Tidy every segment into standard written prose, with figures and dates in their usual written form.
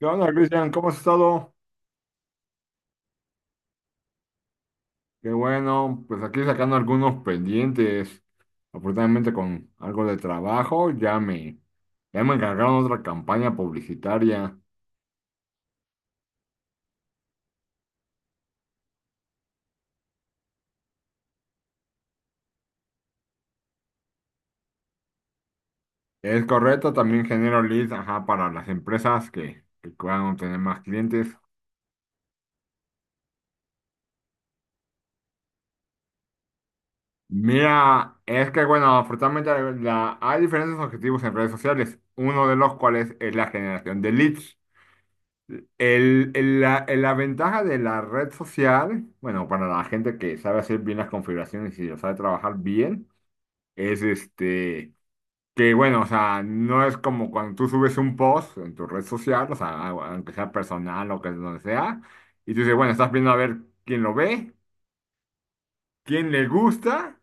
¿Qué onda, Cristian? ¿Cómo has estado? Qué bueno, pues aquí sacando algunos pendientes. Afortunadamente con algo de trabajo, ya me encargaron otra campaña publicitaria. Es correcto, también genero leads, ajá, para las empresas que puedan tener más clientes. Mira, es que bueno, hay diferentes objetivos en redes sociales, uno de los cuales es la generación de leads. La ventaja de la red social, bueno, para la gente que sabe hacer bien las configuraciones y lo sabe trabajar bien, es que bueno, o sea, no es como cuando tú subes un post en tu red social, o sea, aunque sea personal o que donde sea, y tú dices, bueno, estás viendo a ver quién lo ve, quién le gusta,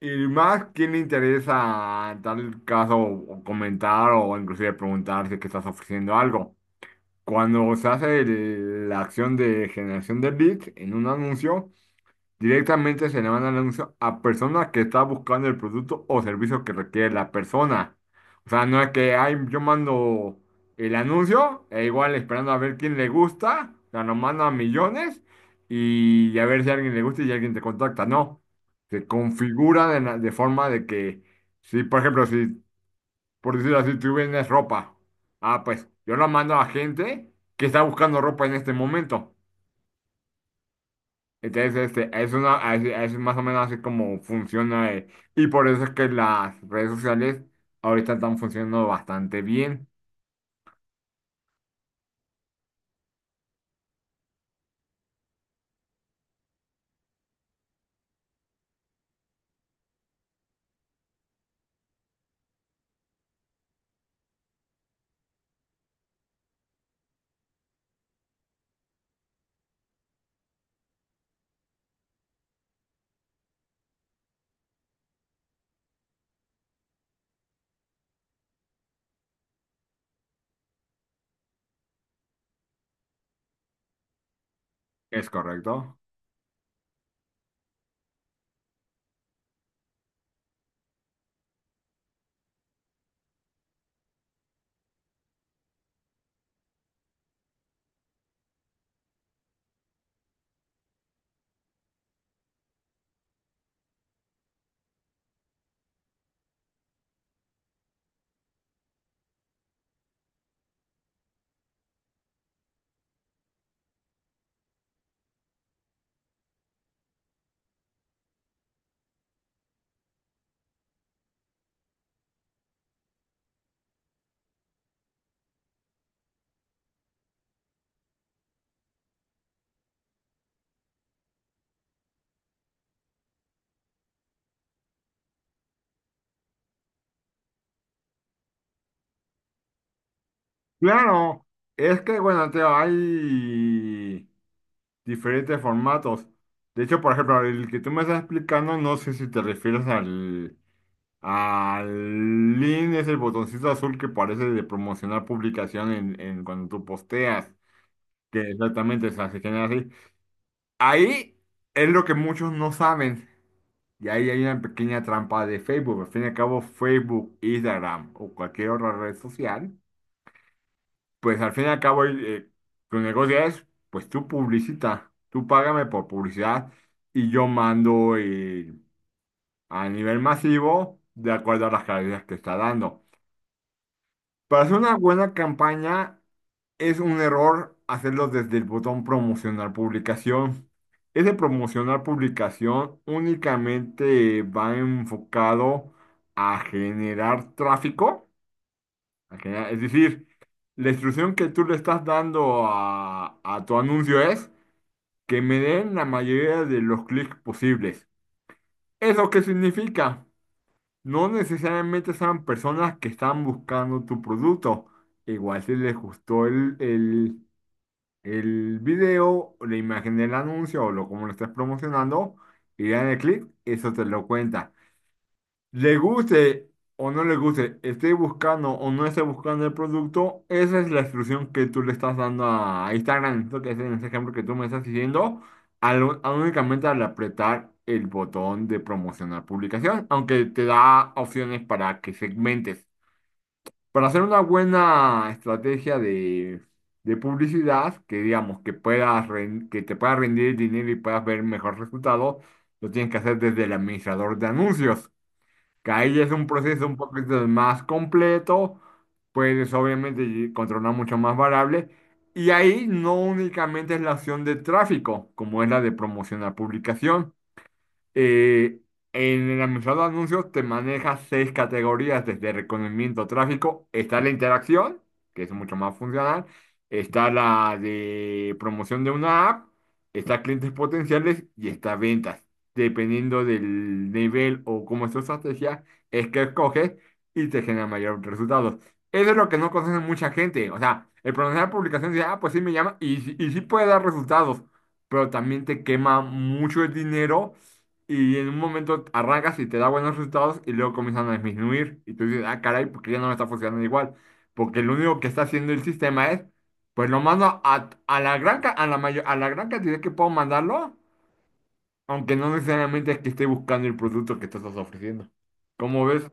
y más quién le interesa en tal caso o comentar o inclusive preguntar si es que estás ofreciendo algo. Cuando se hace la acción de generación de leads en un anuncio, directamente se le manda el anuncio a personas que está buscando el producto o servicio que requiere la persona. O sea, no es que ay, yo mando el anuncio e igual esperando a ver quién le gusta, o sea, lo mando a millones y a ver si a alguien le gusta y alguien te contacta. No, se configura de forma de que, si por decirlo así, tú vendes ropa. Ah, pues yo la mando a gente que está buscando ropa en este momento. Entonces, es más o menos así como funciona. Y por eso es que las redes sociales ahorita están funcionando bastante bien. ¿Es correcto? Claro, es que bueno, Teo, hay diferentes formatos. De hecho, por ejemplo, el que tú me estás explicando, no sé si te refieres al, Alin es el botoncito azul que parece de promocionar publicación en cuando tú posteas, que exactamente o sea, se genera así. Ahí es lo que muchos no saben. Y ahí hay una pequeña trampa de Facebook. Al fin y al cabo, Facebook, Instagram o cualquier otra red social, pues al fin y al cabo tu negocio es, pues tú publicita, tú págame por publicidad y yo mando a nivel masivo de acuerdo a las calidades que está dando. Para hacer una buena campaña es un error hacerlo desde el botón promocionar publicación. Ese promocionar publicación únicamente va enfocado a generar tráfico, es decir, la instrucción que tú le estás dando a tu anuncio es que me den la mayoría de los clics posibles. ¿Eso qué significa? No necesariamente sean personas que están buscando tu producto. Igual si les gustó el video, o la imagen del anuncio o lo como lo estás promocionando, y dan el clic, eso te lo cuenta le guste o no le guste, esté buscando o no esté buscando el producto, esa es la instrucción que tú le estás dando a Instagram, esto que es en ese ejemplo que tú me estás diciendo, al, al únicamente al apretar el botón de promocionar publicación, aunque te da opciones para que segmentes. Para hacer una buena estrategia de publicidad, que digamos que te pueda rendir dinero y puedas ver mejor resultado, lo tienes que hacer desde el administrador de anuncios que ahí es un proceso un poquito más completo, puedes controlar mucho más variables, y ahí no únicamente es la acción de tráfico, como es la de promocionar publicación, eh, en el administrador de anuncios te maneja seis categorías desde reconocimiento tráfico. Está la interacción, que es mucho más funcional. Está la de promoción de una app. Está clientes potenciales y está ventas. Dependiendo del nivel o cómo es tu estrategia, es que escoges y te genera mayores resultados. Eso es lo que no conoce mucha gente. O sea, el pronunciar de publicación dice, ah, pues sí me llama y sí puede dar resultados, pero también te quema mucho el dinero y en un momento arrancas y te da buenos resultados y luego comienzan a disminuir. Y tú dices, ah, caray, porque ya no me está funcionando igual. Porque lo único que está haciendo el sistema es, pues lo mando a la gran, ca- a la mayor, a la gran cantidad que puedo mandarlo, aunque no necesariamente es que esté buscando el producto que tú estás ofreciendo. Como ves,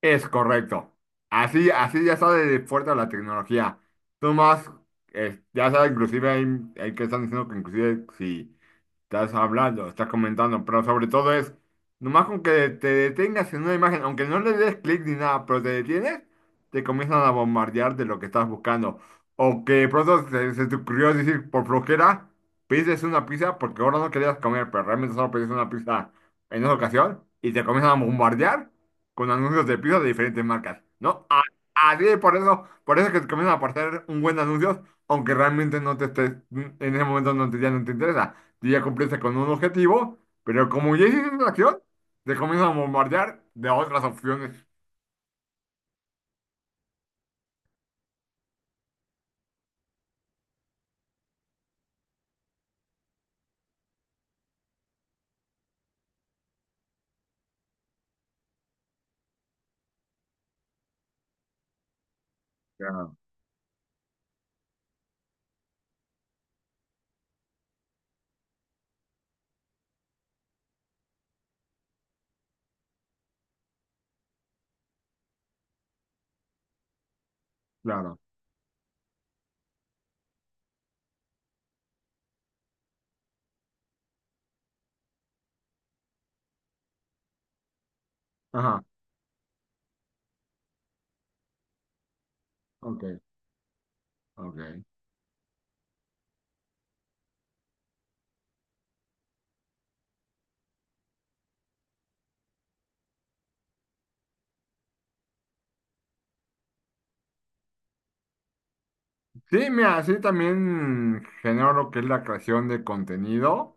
es correcto. Así, así ya sale de fuerte la tecnología. Tú más, ya sabes, hay que están diciendo que inclusive si estás hablando, estás comentando, pero sobre todo es, nomás con que te detengas en una imagen, aunque no le des clic ni nada, pero te detienes, te comienzan a bombardear de lo que estás buscando. O que de pronto se te ocurrió decir por flojera, pides una pizza porque ahora no querías comer, pero realmente solo pediste una pizza en esa ocasión y te comienzan a bombardear con anuncios de pizza de diferentes marcas, ¿no? A- Así es, por eso es que te comienzan a aparecer un buen anuncio aunque realmente no te estés, en ese momento no te, ya no te interesa tú ya cumpliste con un objetivo, pero como ya hiciste la acción, te comienzan a bombardear de otras opciones. Claro, claro. Ajá, ok, ok. Sí, mira, así también genero lo que es la creación de contenido.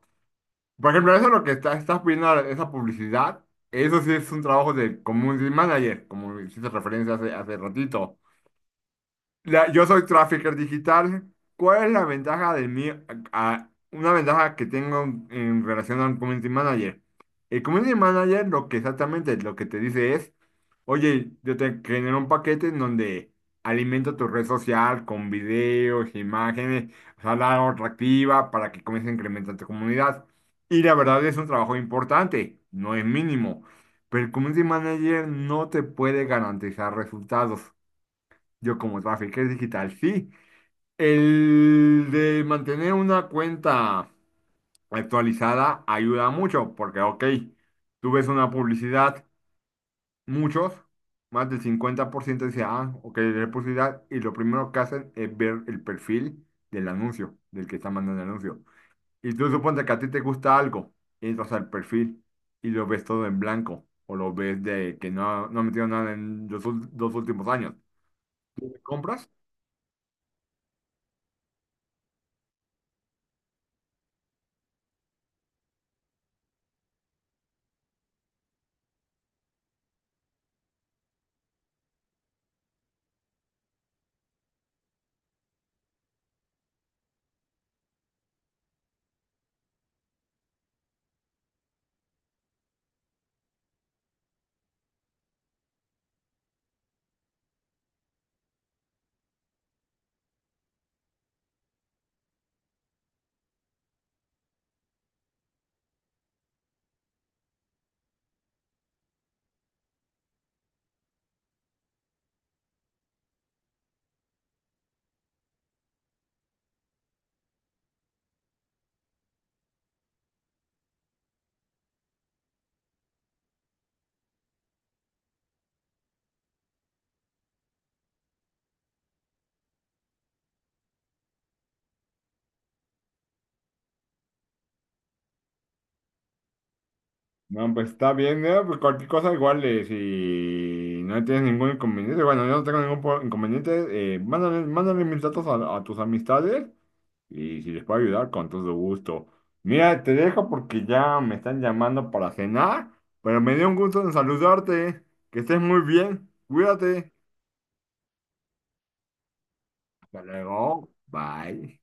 Por ejemplo, eso es lo que está, estás pidiendo, esa publicidad, eso sí es un trabajo de community manager, como hiciste referencia hace ratito. La- yo soy trafficker digital. ¿Cuál es la ventaja de mí? A- una ventaja que tengo en relación al community manager. El community manager lo que exactamente lo que te dice es, oye, yo te genero un paquete en donde alimento tu red social con videos, imágenes, o sea, la hago atractiva para que comience a incrementar tu comunidad. Y la verdad es un trabajo importante, no es mínimo. Pero el community manager no te puede garantizar resultados. Yo como trafficker digital, sí. El de mantener una cuenta actualizada ayuda mucho, porque, ok, tú ves una publicidad, muchos, más del 50% dice, ah, ok, es publicidad, y lo primero que hacen es ver el perfil del anuncio, del que está mandando el anuncio. Y tú suponte que a ti te gusta algo, entras al perfil y lo ves todo en blanco, o lo ves de que no, no ha metido nada en los dos últimos años. ¿Compras? No, pues está bien, ¿no? Pues cualquier cosa igual, si no tienes ningún inconveniente, bueno, yo no tengo ningún inconveniente, mándale mis datos a tus amistades y si les puedo ayudar, con todo gusto. Mira, te dejo porque ya me están llamando para cenar, pero me dio un gusto en saludarte, que estés muy bien, cuídate, hasta luego, bye.